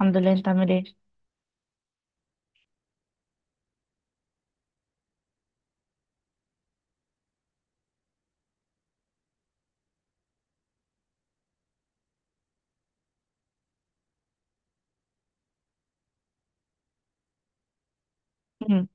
الحمد لله. انت عامل ايه؟ مم.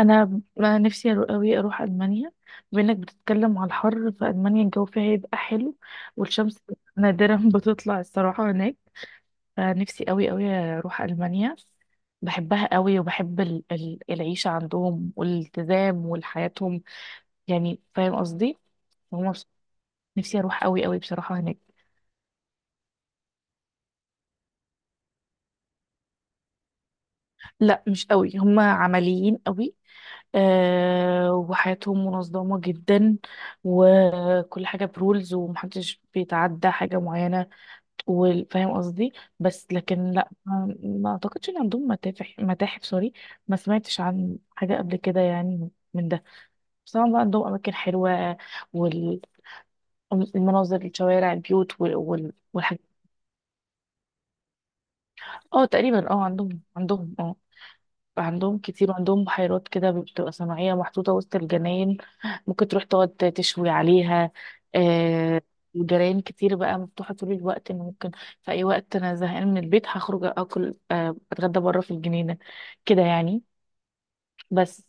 أنا نفسي قوي اروح المانيا. بانك بتتكلم على الحر في المانيا، الجو فيها هيبقى حلو والشمس نادرا بتطلع الصراحه هناك. فنفسي قوي قوي اروح المانيا. بحبها قوي وبحب العيشه عندهم والالتزام وحياتهم، يعني فاهم قصدي. هما بص- نفسي اروح قوي قوي بصراحه هناك. لا مش قوي، هما عمليين قوي. آه، وحياتهم منظمة جدا، كل حاجة برولز ومحدش بيتعدى حاجة معينة، وفاهم قصدي. بس لكن لا، ما اعتقدش ان عندهم متاحف، سوري، ما سمعتش عن حاجة قبل كده يعني من ده. بس طبعا بقى عندهم اماكن حلوة، والمناظر، الشوارع، البيوت والحاجات. اه تقريبا اه، عندهم كتير، عندهم بحيرات كده بتبقى صناعية محطوطة وسط الجناين، ممكن تروح تقعد تشوي عليها آه. وجرايان كتير بقى مفتوحة طول الوقت، إن ممكن في أي وقت أنا زهقان من البيت هخرج أكل، أتغدى بره في الجنينة كده يعني بس.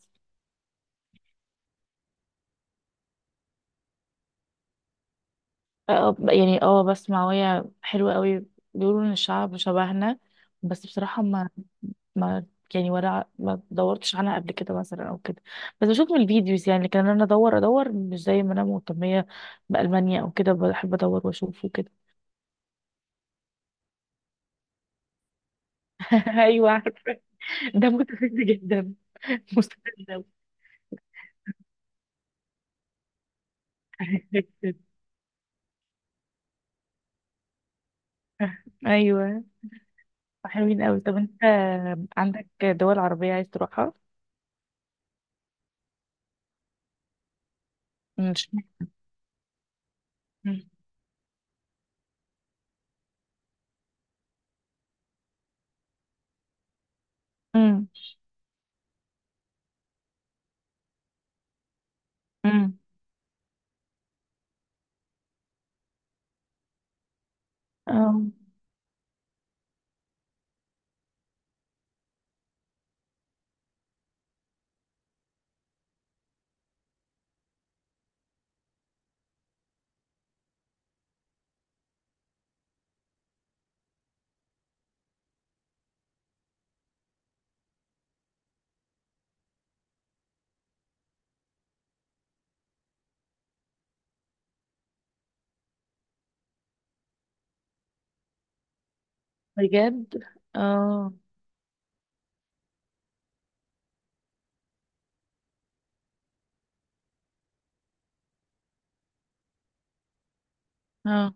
يعني بس معوية حلوة قوي، بيقولوا إن الشعب شبهنا. بس بصراحة ما يعني، ولا ما دورتش عنها قبل كده مثلا او كده. بس بشوف من الفيديوز يعني، لكن انا ادور ادور مش زي ما انا مهتمية بألمانيا او كده، بحب ادور واشوف وكده. ايوه، عارف. ده مستفز جدا. مستفز أوي. ايوه، حلوين قوي. طب انت عندك دول عربية عايز تروحها؟ مش. امم. امم. اه، بجد. اه، اه.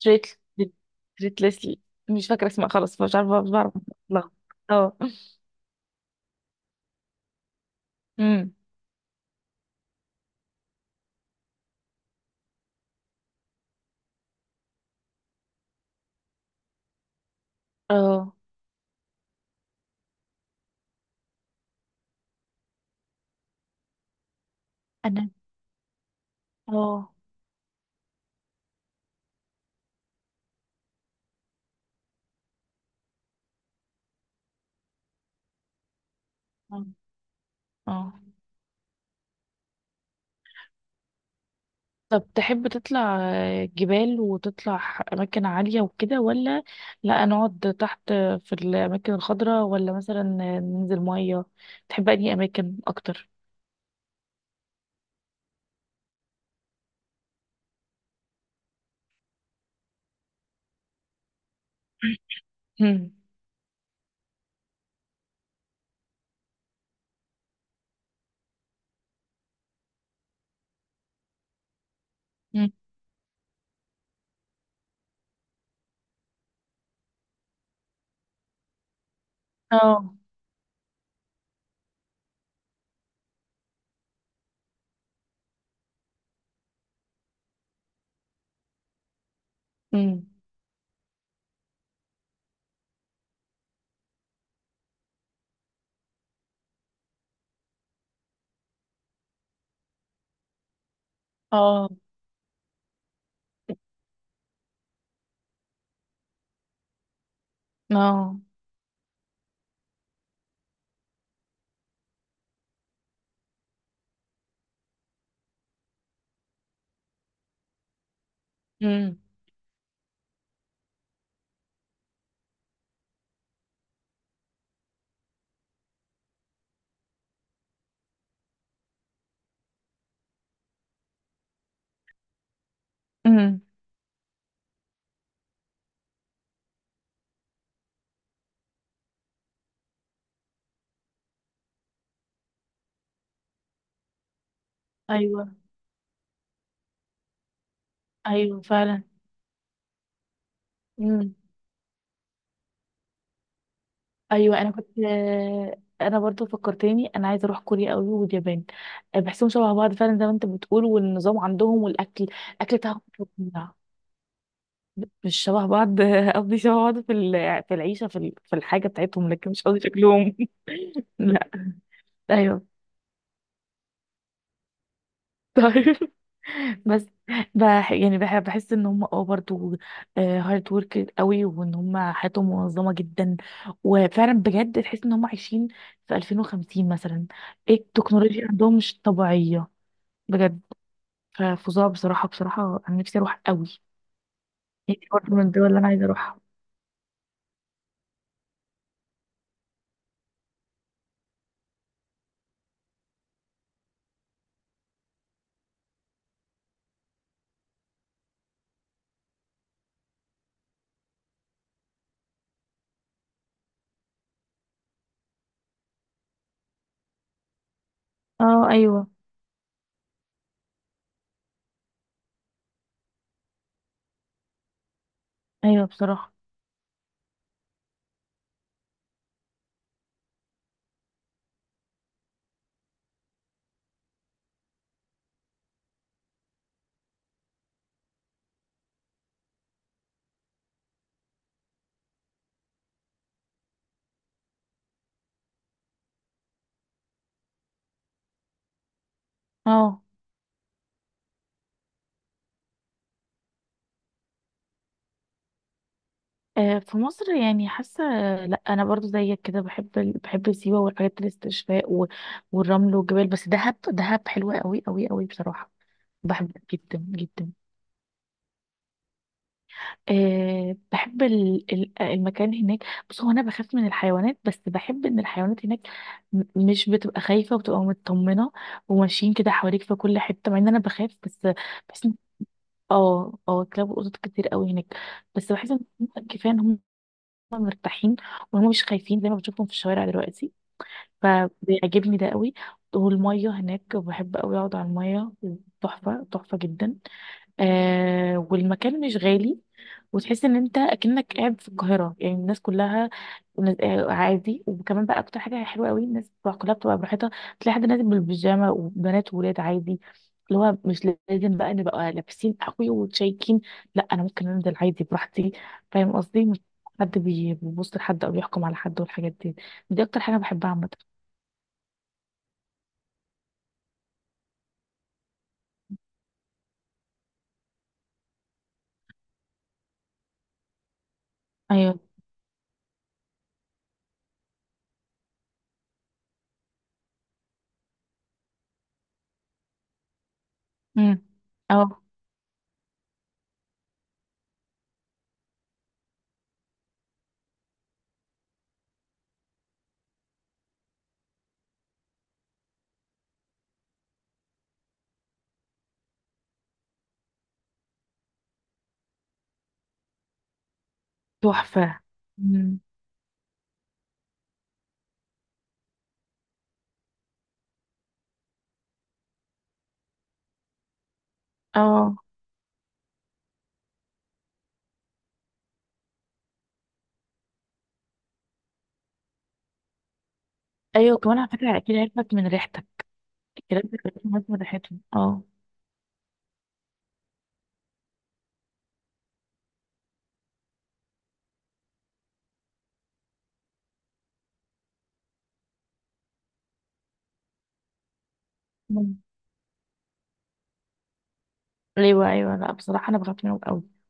تريت، تريت ليسلي، مش فاكرة اسمها، خلاص مش عارفة، مش بعرف. أتلخبط. اه. امم. اه. انا. اه، اه. آه. طب تحب تطلع جبال وتطلع أماكن عالية وكده، ولا لا نقعد تحت في الأماكن الخضراء، ولا مثلا ننزل مية؟ تحب أنهي أماكن أكتر؟ مم. مم. اه. مم. اه، اه. مم. مم. أيوه، أيوه فعلا. ايوه انا كنت، انا برضو فكرتني، انا عايزه اروح كوريا قوي واليابان. آه، بحسهم شبه بعض فعلا زي ما انت بتقول، والنظام عندهم والاكل. الاكل بتاعهم فظيع. مش شبه بعض قصدي شبه بعض في في العيشه، في في الحاجه بتاعتهم، لكن مش قصدي شكلهم. لا. ايوه. طيب. بس. بح يعني بح بحس ان هم اه برضه هارد ورك قوي، وان هم حياتهم منظمه جدا. وفعلا بجد تحس ان هم عايشين في 2050 مثلا. ايه التكنولوجيا عندهم، مش طبيعيه بجد. ففظاع بصراحه. بصراحه انا نفسي اروح قوي. نفسي برضه من الدول اللي انا عايزه اروحها. اه. ايوه، ايوه بصراحه. اه. آه، في مصر يعني، حاسه لا، انا برضو زيك كده، بحب بحب سيوه والحاجات، الاستشفاء والرمل والجبال. بس دهب، دهب حلوه قوي قوي قوي بصراحه. بحبها جدا جدا. أه بحب المكان هناك. بص، هو انا بخاف من الحيوانات، بس بحب ان الحيوانات هناك م- مش بتبقى خايفه وبتبقى مطمنه، وماشيين كده حواليك في كل حته، مع ان انا بخاف بس. بحس إن- اه، اه كلاب وقطط كتير قوي هناك. بس بحس ان كفايه ان هم، هما مرتاحين، وهم مش خايفين زي ما بشوفهم في الشوارع دلوقتي، فبيعجبني ده قوي. والمية هناك، بحب قوي اقعد على المية، تحفة تحفة جدا. آه، والمكان مش غالي، وتحس ان انت اكنك قاعد في القاهره، يعني الناس كلها عادي. وكمان بقى اكتر حاجه حلوه قوي، الناس بتبقى كلها بتبقى براحتها، تلاقي حد نازل بالبيجامه، وبنات وولاد عادي، اللي هو مش لازم بقى نبقى لابسين قوي وتشيكين، لا انا ممكن انزل عادي براحتي. فاهم قصدي؟ مش بيبص لحد او بيحكم على حد والحاجات دي. دي اكتر حاجه بحبها عامه. ايوه. امم. اه. تحفه. امم. اه. ايوه كمان على فكره، اكيد عرفت من ريحتها، الكلاب بتبقى لازم ريحتهم اه. مم. ليه بقى؟ ايوه لا بصراحه انا بخاف منهم قوي